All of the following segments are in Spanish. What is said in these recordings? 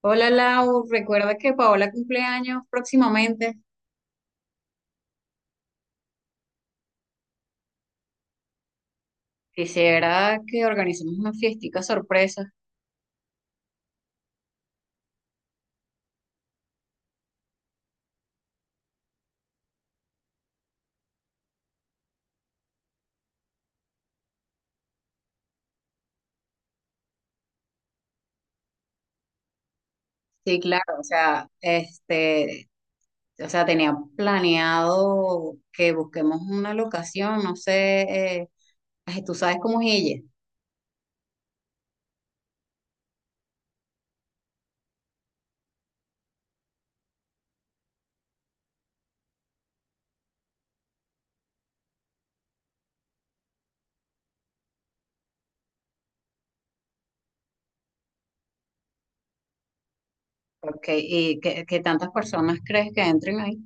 Hola, Lau, recuerda que Paola cumple años próximamente. Quisiera que organicemos una fiestica sorpresa. Sí, claro, o sea, este, o sea, tenía planeado que busquemos una locación, no sé, ay, tú sabes cómo es ella, porque y que tantas personas crees que entren ahí.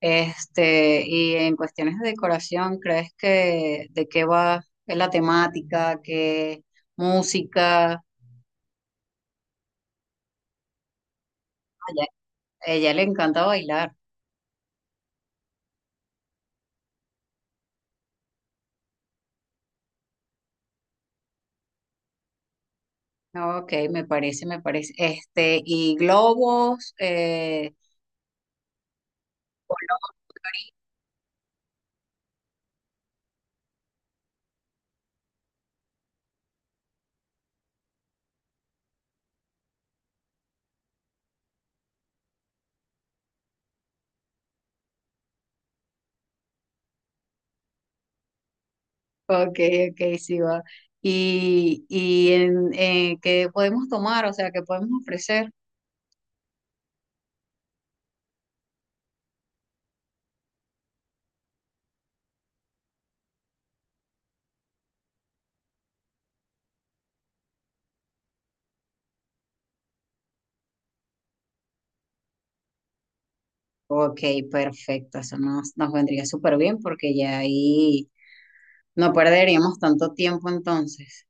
Este, y en cuestiones de decoración, ¿crees que de qué va la temática, qué música? Ella, a ella le encanta bailar. Ok, me parece, me parece. Este, y globos, ok, ok, sí va. Y en, ¿qué podemos tomar? O sea, ¿qué podemos ofrecer? Ok, perfecto, eso nos, nos vendría súper bien porque ya ahí no perderíamos tanto tiempo entonces.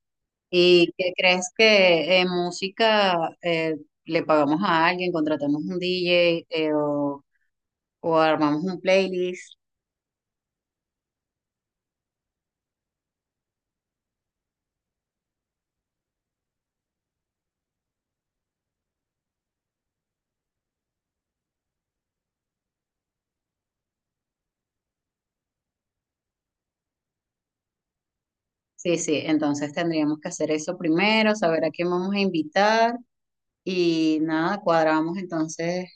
¿Y qué crees que en música eh, le pagamos a alguien, contratamos un DJ, o armamos un playlist? Sí, sí, entonces tendríamos que hacer eso primero, saber a quién vamos a invitar y nada, cuadramos entonces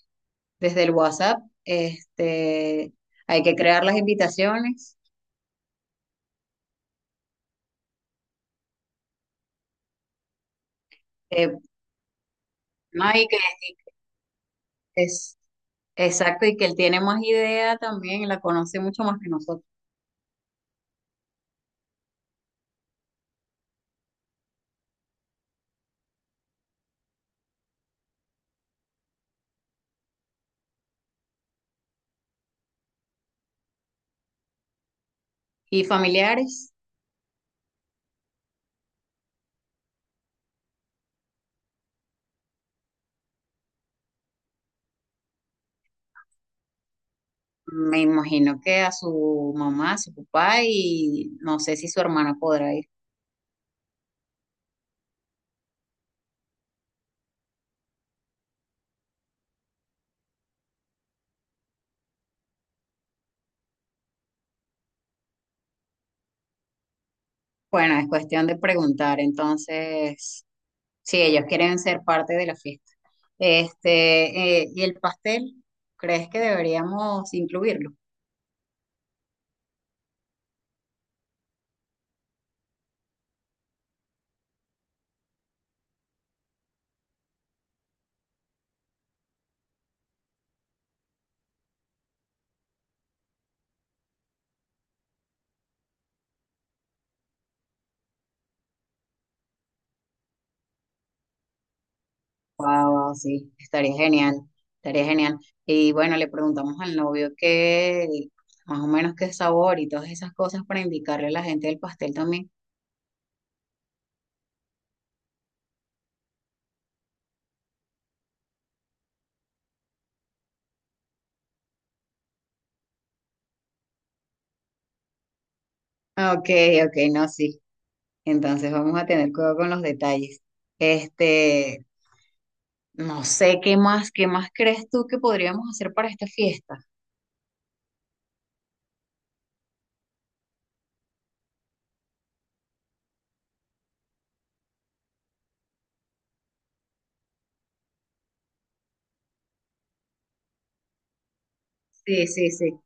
desde el WhatsApp, este, hay que crear las invitaciones, eh, no, y que es exacto y que él tiene más idea también, la conoce mucho más que nosotros. Y familiares, me imagino que a su mamá, a su papá y no sé si su hermana podrá ir. Bueno, es cuestión de preguntar entonces. Sí, ellos quieren ser parte de la fiesta. Este, ¿y el pastel? ¿Crees que deberíamos incluirlo? Wow, sí, estaría genial, estaría genial. Y bueno, le preguntamos al novio qué, más o menos qué sabor y todas esas cosas para indicarle a la gente del pastel también. Ok, ok, no, sí. Entonces vamos a tener cuidado con los detalles. Este, no sé qué más crees tú que podríamos hacer para esta fiesta. Sí, sí, sí.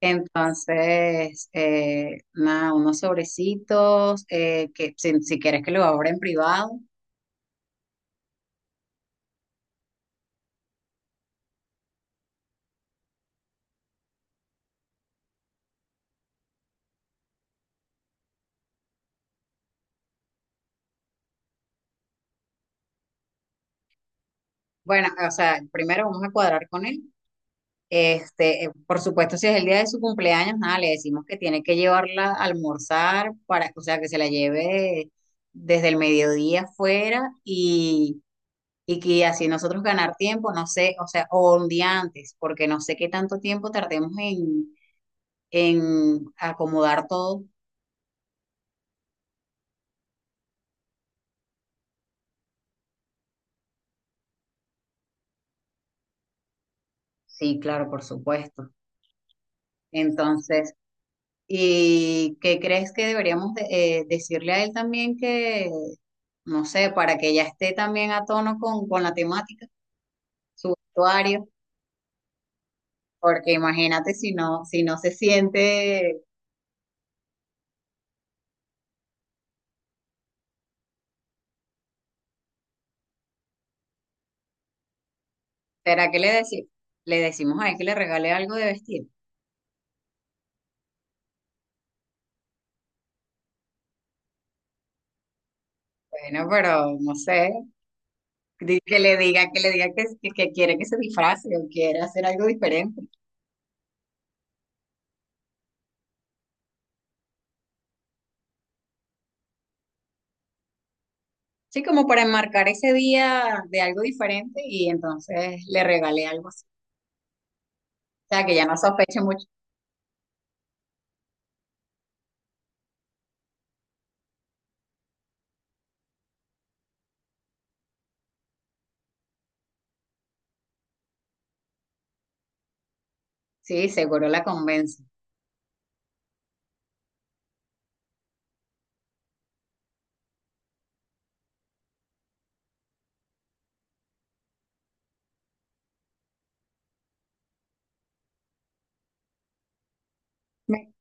Entonces, nada, unos sobrecitos, que si, si quieres que lo abra en privado. Bueno, o sea, primero vamos a cuadrar con él. Este, por supuesto, si es el día de su cumpleaños, nada, le decimos que tiene que llevarla a almorzar para, o sea, que se la lleve desde el mediodía afuera y que así nosotros ganar tiempo, no sé, o sea, o un día antes, porque no sé qué tanto tiempo tardemos en acomodar todo. Sí, claro, por supuesto. Entonces, ¿y qué crees que deberíamos de- decirle a él también que, no sé, para que ya esté también a tono con la temática, su vestuario? Porque imagínate si no, si no se siente, ¿será que le decimos? Le decimos a él que le regale algo de vestir. Bueno, pero no sé, di- que le diga, que le diga que quiere que se disfrace o quiere hacer algo diferente. Sí, como para enmarcar ese día de algo diferente y entonces le regale algo así. O sea, que ya no sospeche mucho. Sí, seguro la convence. Me,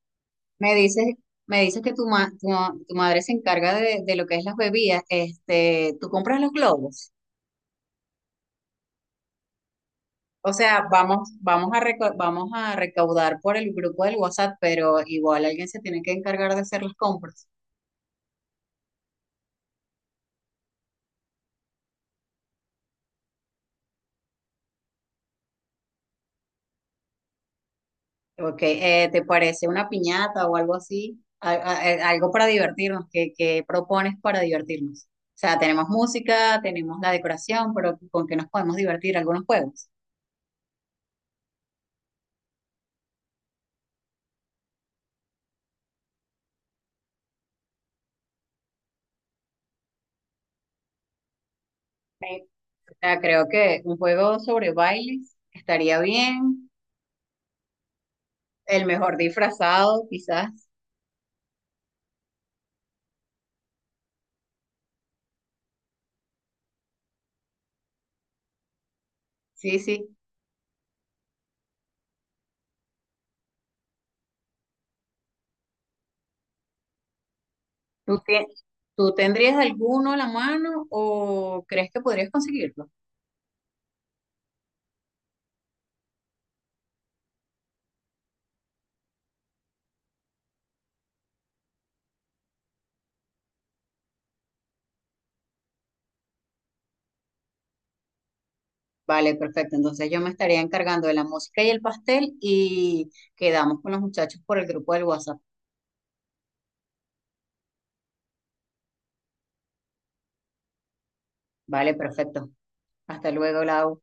me dices, me dices que tu, ma- tu, ma- tu madre se encarga de lo que es las bebidas. Este, tú compras los globos. O sea, vamos, vamos a reco- vamos a recaudar por el grupo del WhatsApp, pero igual alguien se tiene que encargar de hacer las compras. Okay, ¿te parece una piñata o algo así? A- algo para divertirnos. ¿Qué, qué propones para divertirnos? O sea, tenemos música, tenemos la decoración, pero ¿con qué nos podemos divertir? ¿Algunos juegos? Sea, creo que un juego sobre bailes estaría bien. El mejor disfrazado, quizás. Sí, sí. ¿Tú, tie- ¿Tú tendrías alguno a la mano o crees que podrías conseguirlo? Vale, perfecto. Entonces yo me estaría encargando de la música y el pastel y quedamos con los muchachos por el grupo del WhatsApp. Vale, perfecto. Hasta luego, Lau.